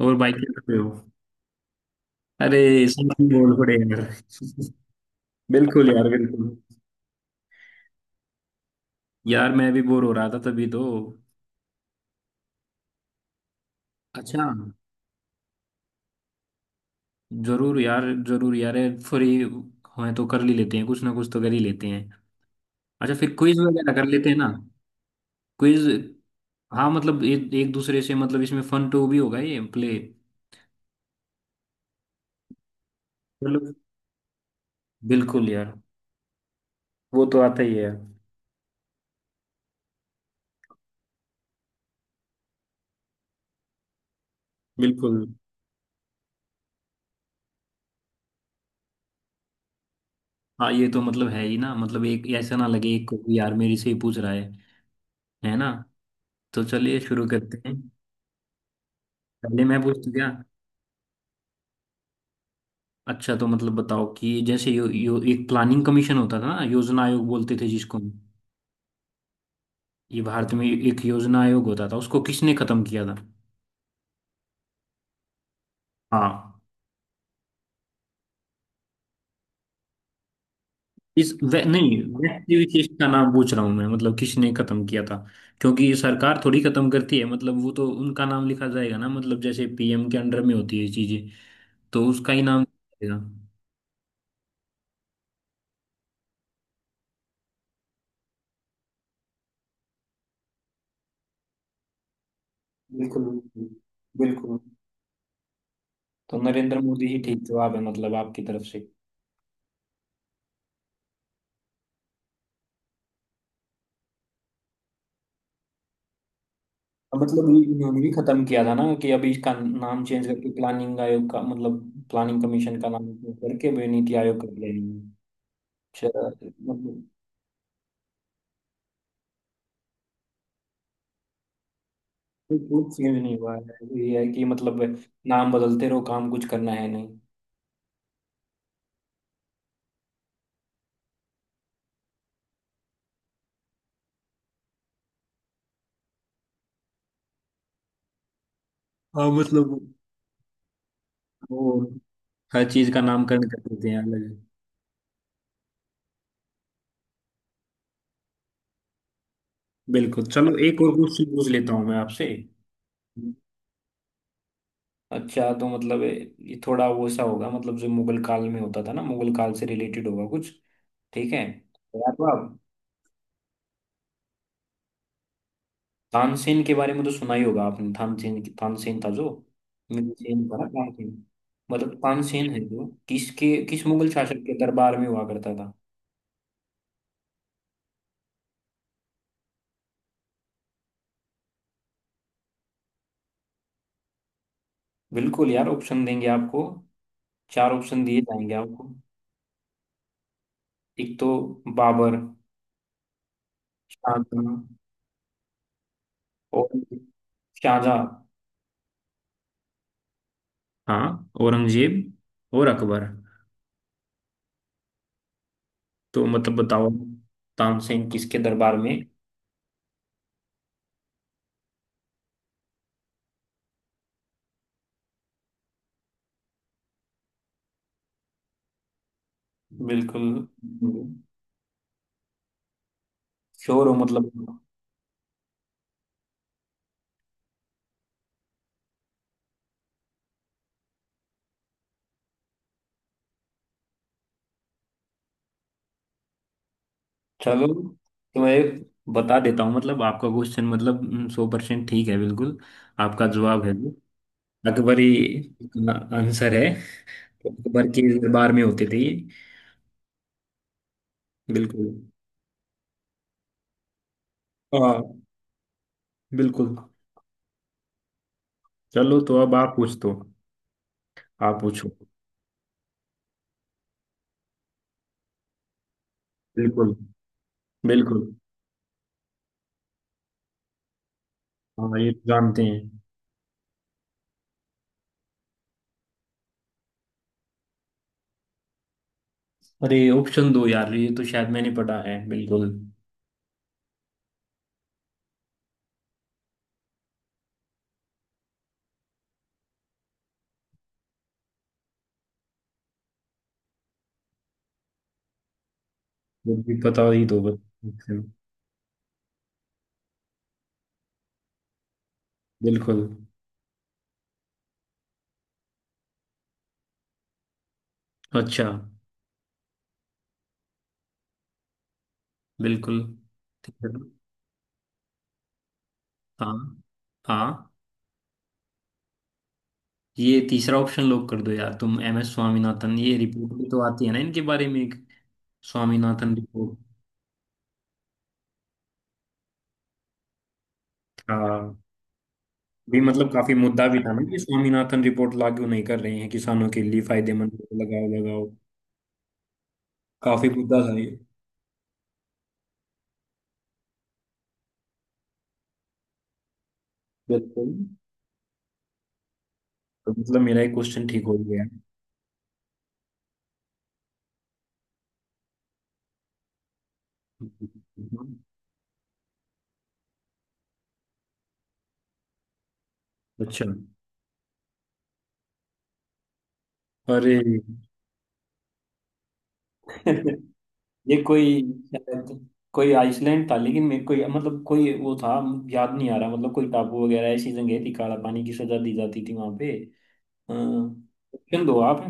और भाई क्या कर रहे हो? अरे समथिंग बोल पड़े यार। बिल्कुल यार, बिल्कुल। यार मैं भी बोर हो रहा था तभी तो। अच्छा। जरूर यार, जरूर यार। फ्री हैं तो कर ही लेते हैं, कुछ ना कुछ तो कर ही लेते हैं। अच्छा फिर क्विज वगैरह कर लेते हैं ना। क्विज। हाँ मतलब एक दूसरे से, मतलब इसमें फन टू भी होगा ये प्ले। चलो। बिल्कुल यार। वो तो आता ही है यार। बिल्कुल। हाँ ये तो मतलब है ही ना, मतलब एक ऐसा ना लगे एक को कि यार मेरे से ही पूछ रहा है ना? तो चलिए शुरू करते हैं। पहले मैं पूछ गया। अच्छा तो मतलब बताओ कि जैसे यो, यो एक प्लानिंग कमीशन होता था ना, योजना आयोग बोलते थे जिसको हम। ये भारत में एक योजना आयोग होता था, उसको किसने खत्म किया था? हाँ। नहीं व्यक्ति विशेष का नाम पूछ रहा हूँ मैं, मतलब किसने खत्म किया था। क्योंकि ये सरकार थोड़ी खत्म करती है, मतलब वो तो उनका नाम लिखा जाएगा ना, मतलब जैसे पीएम के अंडर में होती है चीजें तो उसका ही नाम लिखेगा। बिल्कुल, बिल्कुल, बिल्कुल। तो नरेंद्र मोदी ही ठीक जवाब है मतलब आपकी तरफ से। मतलब ये इन्होंने भी खत्म किया था ना कि अभी इसका नाम चेंज करके प्लानिंग आयोग का मतलब प्लानिंग कमीशन का नाम change करके भी नीति आयोग कर लेंगे। अच्छा, मतलब कोई कुछ चेंज नहीं हुआ है, ये है कि मतलब नाम बदलते रहो, काम कुछ करना है नहीं। हाँ मतलब वो हर चीज का नामकरण कर देते हैं अलग। बिल्कुल। चलो एक और क्वेश्चन पूछ लेता हूँ मैं आपसे। अच्छा तो मतलब ये थोड़ा वो सा होगा, मतलब जो मुगल काल में होता था ना, मुगल काल से रिलेटेड होगा कुछ। ठीक है, तैयार हो आप? तानसेन के बारे में तो सुना ही होगा आपने। तानसेन तानसेन था जो मिनसेन था ना, तानसेन। मतलब तानसेन है जो किसके, किस मुगल शासक के दरबार में हुआ करता था। बिल्कुल यार ऑप्शन देंगे आपको। चार ऑप्शन दिए जाएंगे आपको। एक तो बाबर, शाहजहां और शाहजहां, हाँ औरंगजेब और अकबर। तो मतलब बताओ तानसेन किसके दरबार में। बिल्कुल। श्योर हो मतलब। चलो तो मैं एक बता देता हूँ, मतलब आपका क्वेश्चन मतलब 100% ठीक है बिल्कुल। आपका जवाब है वो अकबरी का आंसर है। अकबर के दरबार में होते थे ये। बिल्कुल। हाँ बिल्कुल। चलो तो अब आप पूछ दो। आप पूछो। बिल्कुल, बिल्कुल। हाँ ये तो जानते हैं। अरे ऑप्शन दो यार, ये तो शायद मैंने पढ़ा है। बिल्कुल मुझे भी पता ही दो बस option। बिल्कुल। अच्छा। बिल्कुल। ठीक है। हाँ हाँ ये तीसरा ऑप्शन लॉक कर दो यार तुम, एमएस स्वामीनाथन। ये रिपोर्ट भी तो आती है ना इनके बारे में एक, स्वामीनाथन रिपोर्ट का भी, मतलब काफी मुद्दा भी था ना कि स्वामीनाथन रिपोर्ट लागू नहीं कर रहे हैं किसानों के लिए फायदेमंद। लगाओ लगाओ। काफी मुद्दा था ये। बिल्कुल। तो मतलब मेरा एक क्वेश्चन ठीक हो गया। अच्छा। अरे। ये कोई शायद कोई आइसलैंड था लेकिन मेरे को मतलब कोई वो था, याद नहीं आ रहा। मतलब कोई टापू वगैरह ऐसी जगह थी, काला पानी की सजा दी जाती थी वहां पे। ऑप्शन दो आप।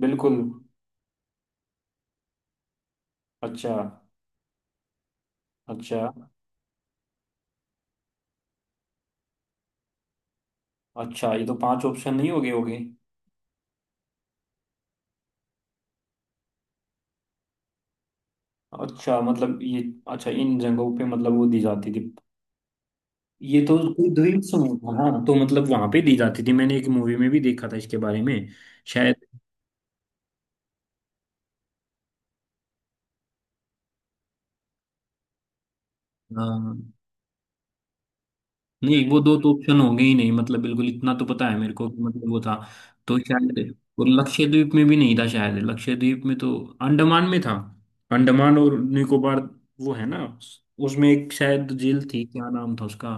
बिल्कुल। अच्छा। अच्छा। अच्छा ये तो पांच ऑप्शन नहीं हो गए, हो गए? अच्छा मतलब ये, अच्छा इन जगहों पे मतलब वो दी जाती थी। ये तो कोई द्वीप समूह था। हाँ तो मतलब वहां पे दी जाती थी, मैंने एक मूवी में भी देखा था इसके बारे में। शायद नहीं। वो दो तो ऑप्शन होंगे ही नहीं, मतलब बिल्कुल इतना तो पता है मेरे को कि मतलब वो था। तो शायद, और लक्षद्वीप में भी नहीं था शायद, लक्षद्वीप में तो। अंडमान में था। अंडमान और निकोबार वो है ना, उसमें एक शायद जेल थी, क्या नाम था उसका।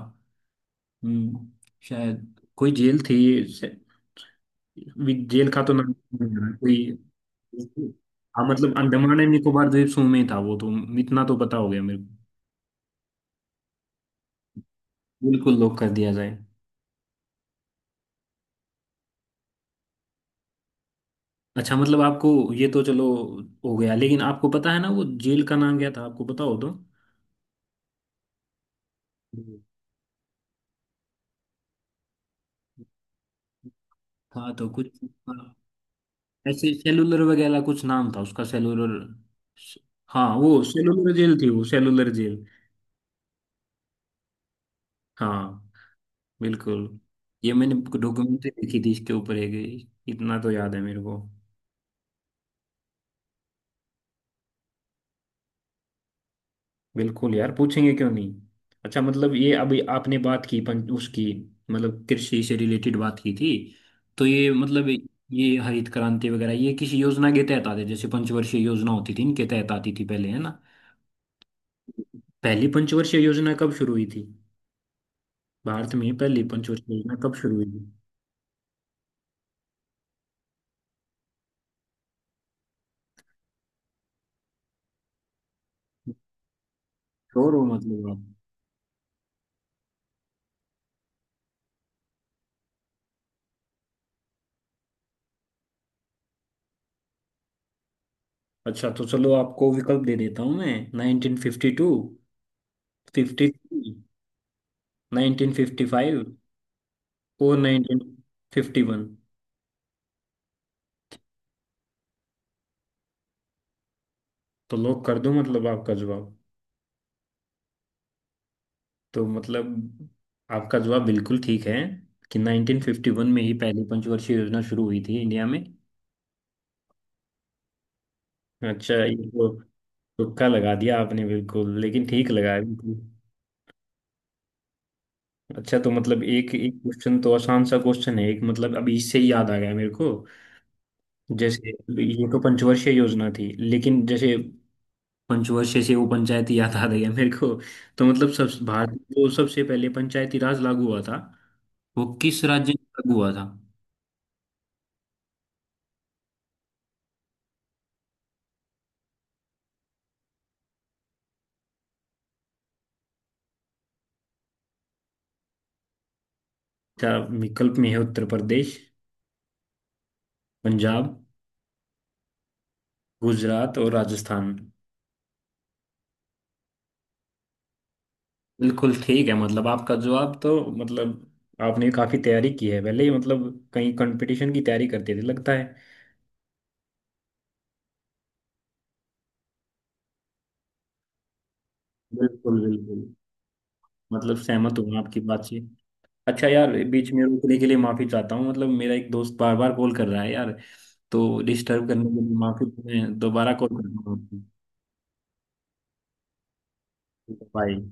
हम्म। शायद कोई जेल थी। शायद- जेल का तो नाम नहीं याद है, कोई। हाँ मतलब अंडमान एंड निकोबार द्वीप समूह में ही था वो तो, इतना तो पता हो गया मेरे को। बिल्कुल लॉक कर दिया जाए। अच्छा मतलब आपको ये तो चलो हो गया, लेकिन आपको पता है ना वो जेल का नाम क्या था, आपको पता हो तो। हम्म। हाँ तो कुछ। हाँ, ऐसे सेलुलर वगैरह कुछ नाम था उसका, सेलुलर। हाँ वो सेलुलर जेल थी, वो सेलुलर जेल। हाँ बिल्कुल। ये मैंने डॉक्यूमेंट्री देखी थी इसके ऊपर एक, इतना तो याद है मेरे को। बिल्कुल यार पूछेंगे क्यों नहीं। अच्छा मतलब ये अभी आपने बात की पंच उसकी, मतलब कृषि से रिलेटेड बात की थी। तो ये मतलब ये हरित क्रांति वगैरह ये किसी योजना के तहत आते, जैसे पंचवर्षीय योजना होती थी, इनके तहत आती थी पहले है ना। पहली पंचवर्षीय योजना कब शुरू हुई थी? भारत में पहली पंचवर्षीय योजना कब शुरू हुई थी? श्योर हो मतलब आप। अच्छा तो चलो आपको विकल्प दे देता हूँ मैं, 1952, 53, 1955 और 1951। तो लॉक कर दूं मतलब आपका जवाब? तो मतलब आपका जवाब बिल्कुल ठीक है कि 1951 में ही पहली पंचवर्षीय योजना शुरू हुई थी इंडिया में। अच्छा ये तो। तुक्का लगा दिया आपने बिल्कुल, लेकिन ठीक लगाया बिल्कुल। अच्छा तो मतलब एक एक क्वेश्चन तो आसान सा क्वेश्चन है एक, मतलब अभी इससे ही याद आ गया मेरे को। जैसे ये तो पंचवर्षीय योजना थी लेकिन जैसे पंचवर्षीय से वो पंचायती याद आ गया मेरे को। तो मतलब सब भारत, हाँ, में जो सबसे पहले पंचायती राज लागू हुआ था वो किस राज्य में लागू हुआ था? क्या विकल्प में है? उत्तर प्रदेश, पंजाब, गुजरात और राजस्थान। बिल्कुल ठीक है मतलब आपका जवाब तो, मतलब आपने काफी तैयारी की है पहले ही, मतलब कहीं कंपटीशन की तैयारी करते थे लगता है। बिल्कुल, बिल्कुल। मतलब सहमत हूँ मैं आपकी बात से। अच्छा यार बीच में रोकने के लिए माफी चाहता हूँ, मतलब मेरा एक दोस्त बार बार कॉल कर रहा है यार। तो डिस्टर्ब करने के लिए माफी, मैं दोबारा कॉल कर रहा हूँ। बाय।